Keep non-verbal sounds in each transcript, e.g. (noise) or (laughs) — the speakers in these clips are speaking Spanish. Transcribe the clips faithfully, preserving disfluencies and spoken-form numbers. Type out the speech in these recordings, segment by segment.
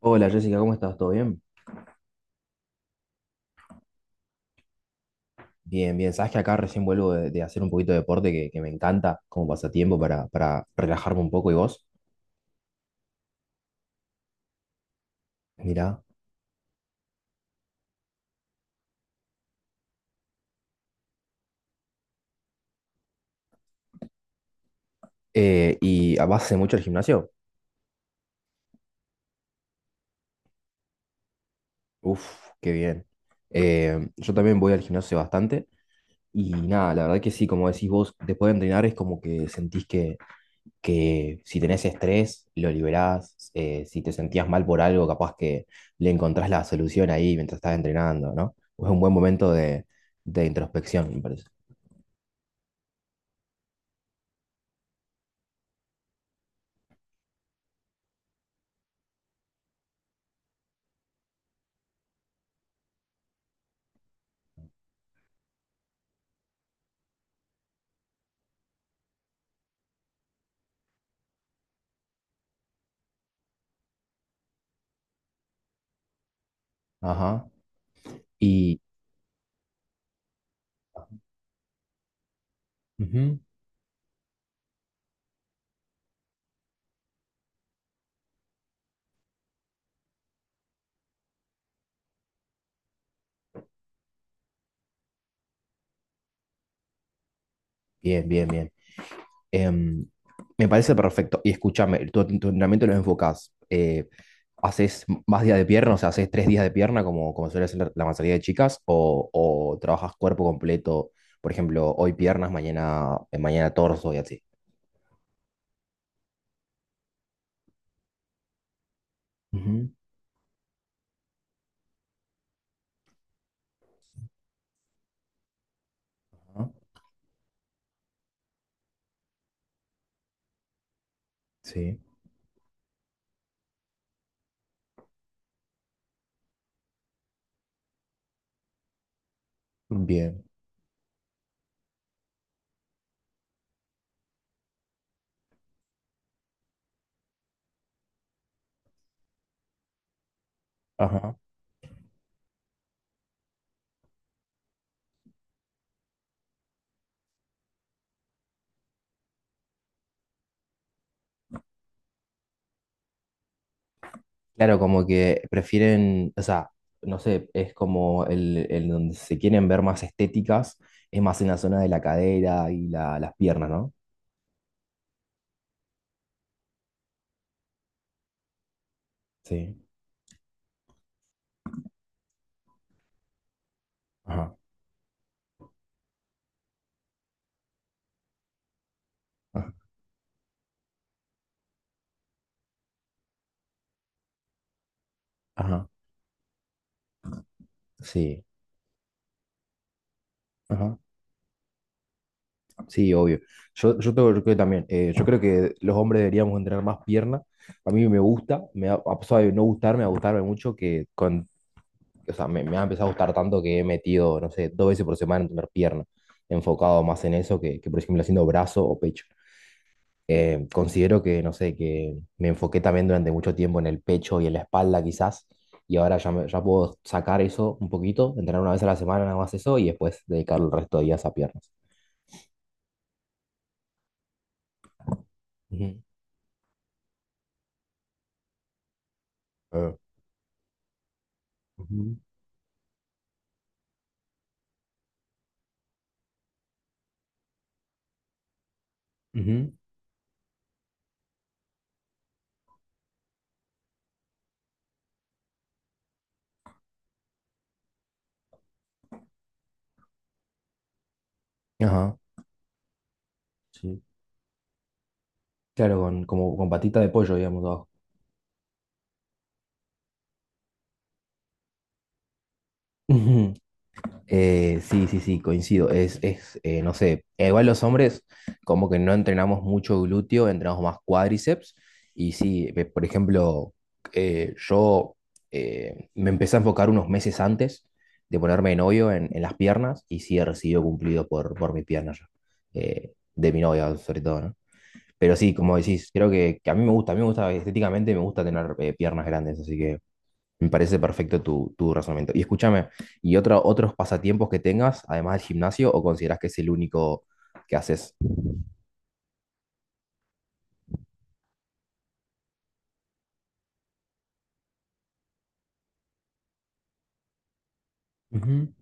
Hola Jessica, ¿cómo estás? ¿Todo bien? Bien, bien. Sabes que acá recién vuelvo de, de hacer un poquito de deporte que, que me encanta como pasatiempo para, para relajarme un poco. ¿Y vos? Mirá. Eh, ¿y ah, vas hace mucho al gimnasio? Uf, qué bien. Eh, yo también voy al gimnasio bastante y nada, la verdad que sí, como decís vos, después de entrenar es como que sentís que, que si tenés estrés, lo liberás. Eh, si te sentías mal por algo, capaz que le encontrás la solución ahí mientras estás entrenando, ¿no? Es un buen momento de, de introspección, me parece. Ajá. Y ujú. Bien, bien, bien. Em, Me parece perfecto. Y escúchame, tu, tu entrenamiento lo enfocás. Eh, ¿haces más días de pierna? O sea, ¿haces tres días de pierna como, como suele hacer la, la mayoría de chicas? ¿O, o trabajas cuerpo completo? Por ejemplo, hoy piernas, mañana, eh, mañana torso y así. Ujú. Ajá. Sí. Bien. Claro, como que prefieren, o sea, no sé, es como el, el donde se quieren ver más estéticas, es más en la zona de la cadera y la- las piernas, ¿no? Sí, ajá, ajá, ajá, sí, ajá, sí, obvio. Yo, yo, tengo- yo creo que también, eh, yo creo que los hombres deberíamos entrenar más pierna. A mí me gusta, me ha, a pesar de no gustarme, a gustarme mucho, que con, o sea, me, me ha empezado a gustar tanto que he metido, no sé, dos veces por semana en tener pierna, enfocado más en eso que, que por ejemplo, haciendo brazo o pecho. Eh, considero que, no sé, que me enfoqué también durante mucho tiempo en el pecho y en la espalda quizás, y ahora ya, me- ya puedo sacar eso un poquito, entrenar una vez a la semana nada más eso y después dedicar el resto de días a piernas. Ujú. Ah, ujú, ujú. Ajá. Sí. Claro, con, como con patita de pollo, digamos, abajo. (laughs) Eh, sí, sí, sí, coincido. Es, es eh, no sé, igual los hombres como que no entrenamos mucho glúteo, entrenamos más cuádriceps. Y sí, eh, por ejemplo, eh, yo eh, me empecé a enfocar unos meses antes de ponerme de novio en, en las piernas y sí he recibido cumplido por, por mis piernas, eh, de mi novia sobre todo, ¿no? Pero sí, como decís, creo que, que a mí me gusta, a mí me gusta estéticamente, me gusta tener eh, piernas grandes, así que me parece perfecto tu, tu razonamiento. Y escúchame, ¿y otro, otros pasatiempos que tengas, además del gimnasio, o consideras que es el único que haces? Ujú.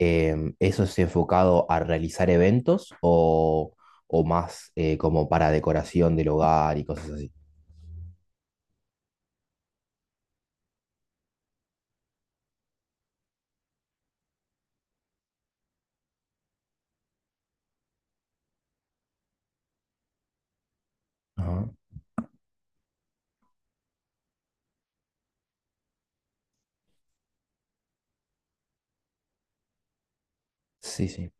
Em, ¿eso es enfocado a realizar eventos o, o más eh, como para decoración del hogar y cosas así? Ajá. Sí, sí.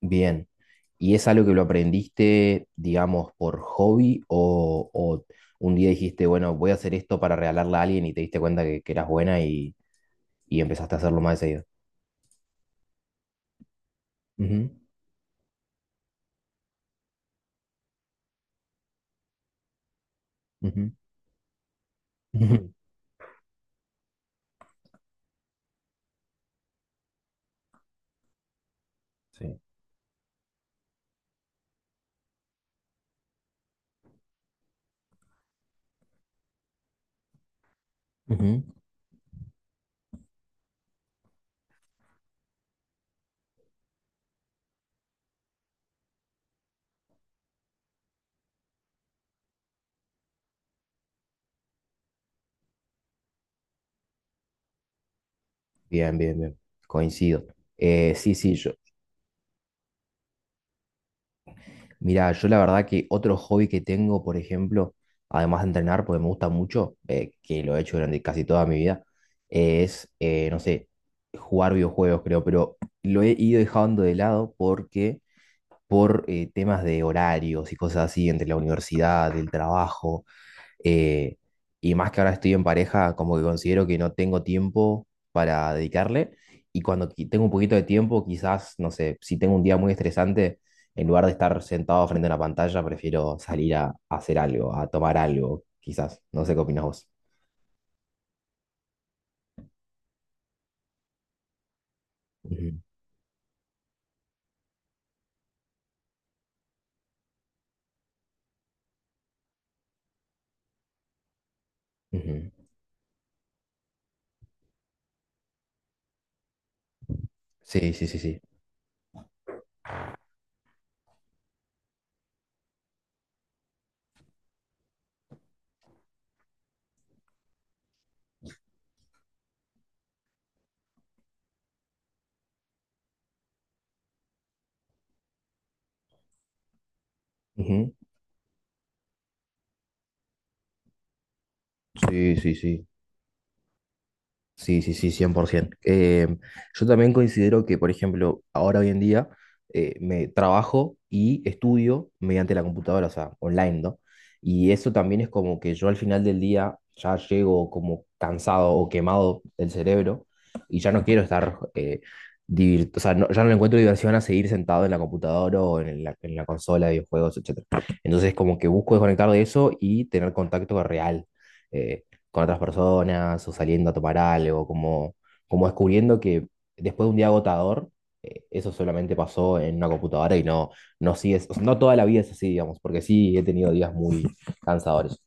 Bien. ¿Y es algo que lo aprendiste, digamos, por hobby o, o un día dijiste, bueno, voy a hacer esto para regalarle a alguien y te diste cuenta que, que eras buena y, y empezaste a hacerlo más de seguido? Ujú, ujú. Ujú, sí. Ujú. Bien, bien, bien. Coincido. Eh, sí, sí, yo. Mira, yo la verdad que otro hobby que tengo, por ejemplo, además de entrenar, porque me gusta mucho, eh, que lo he hecho durante casi toda mi vida, eh, es, eh, no sé, jugar videojuegos, creo, pero lo he ido dejando de lado porque por eh, temas de horarios y cosas así, entre la universidad, el trabajo. eh, y más que ahora estoy en pareja, como que considero que no tengo tiempo para dedicarle. Y cuando qui- tengo un poquito de tiempo, quizás, no sé, si tengo un día muy estresante, en lugar de estar sentado frente a una pantalla, prefiero salir a, a hacer algo, a tomar algo, quizás. No sé qué opinas vos. Ujú, ujú. Sí, sí, sí, sí. Ujú. Sí, sí, sí. Sí, sí, sí, cien por ciento. Eh, yo también considero que, por ejemplo, ahora hoy en día eh, me trabajo y estudio mediante la computadora, o sea, online, ¿no? Y eso también es como que yo al final del día ya llego como cansado o quemado del cerebro y ya no quiero estar, eh, divir- o sea, no- ya no le encuentro diversión a seguir sentado en la computadora o en la, en la consola de videojuegos, etcétera. Entonces, como que busco desconectar de eso y tener contacto real. Eh, con otras personas o saliendo a tomar algo, como, como descubriendo que después de un día agotador, eh, eso solamente pasó en una computadora y no, no sigues, o sea, no toda la vida es así, digamos, porque sí he tenido días muy cansadores.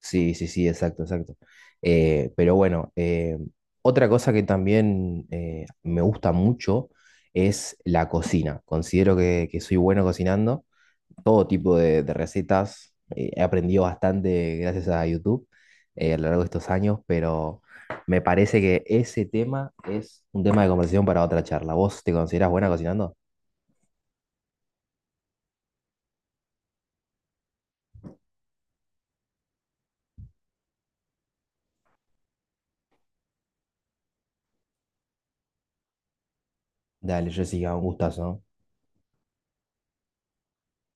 Sí, sí, sí, exacto, exacto. Eh, pero bueno, eh, otra cosa que también eh, me gusta mucho es la cocina. Considero que, que soy bueno cocinando todo tipo de, de recetas. Eh, he aprendido bastante gracias a YouTube eh, a lo largo de estos años, pero me parece que ese tema es un tema de conversación para otra charla. ¿Vos te considerás buena cocinando? Dale, Jessica, un gustazo. ¿No?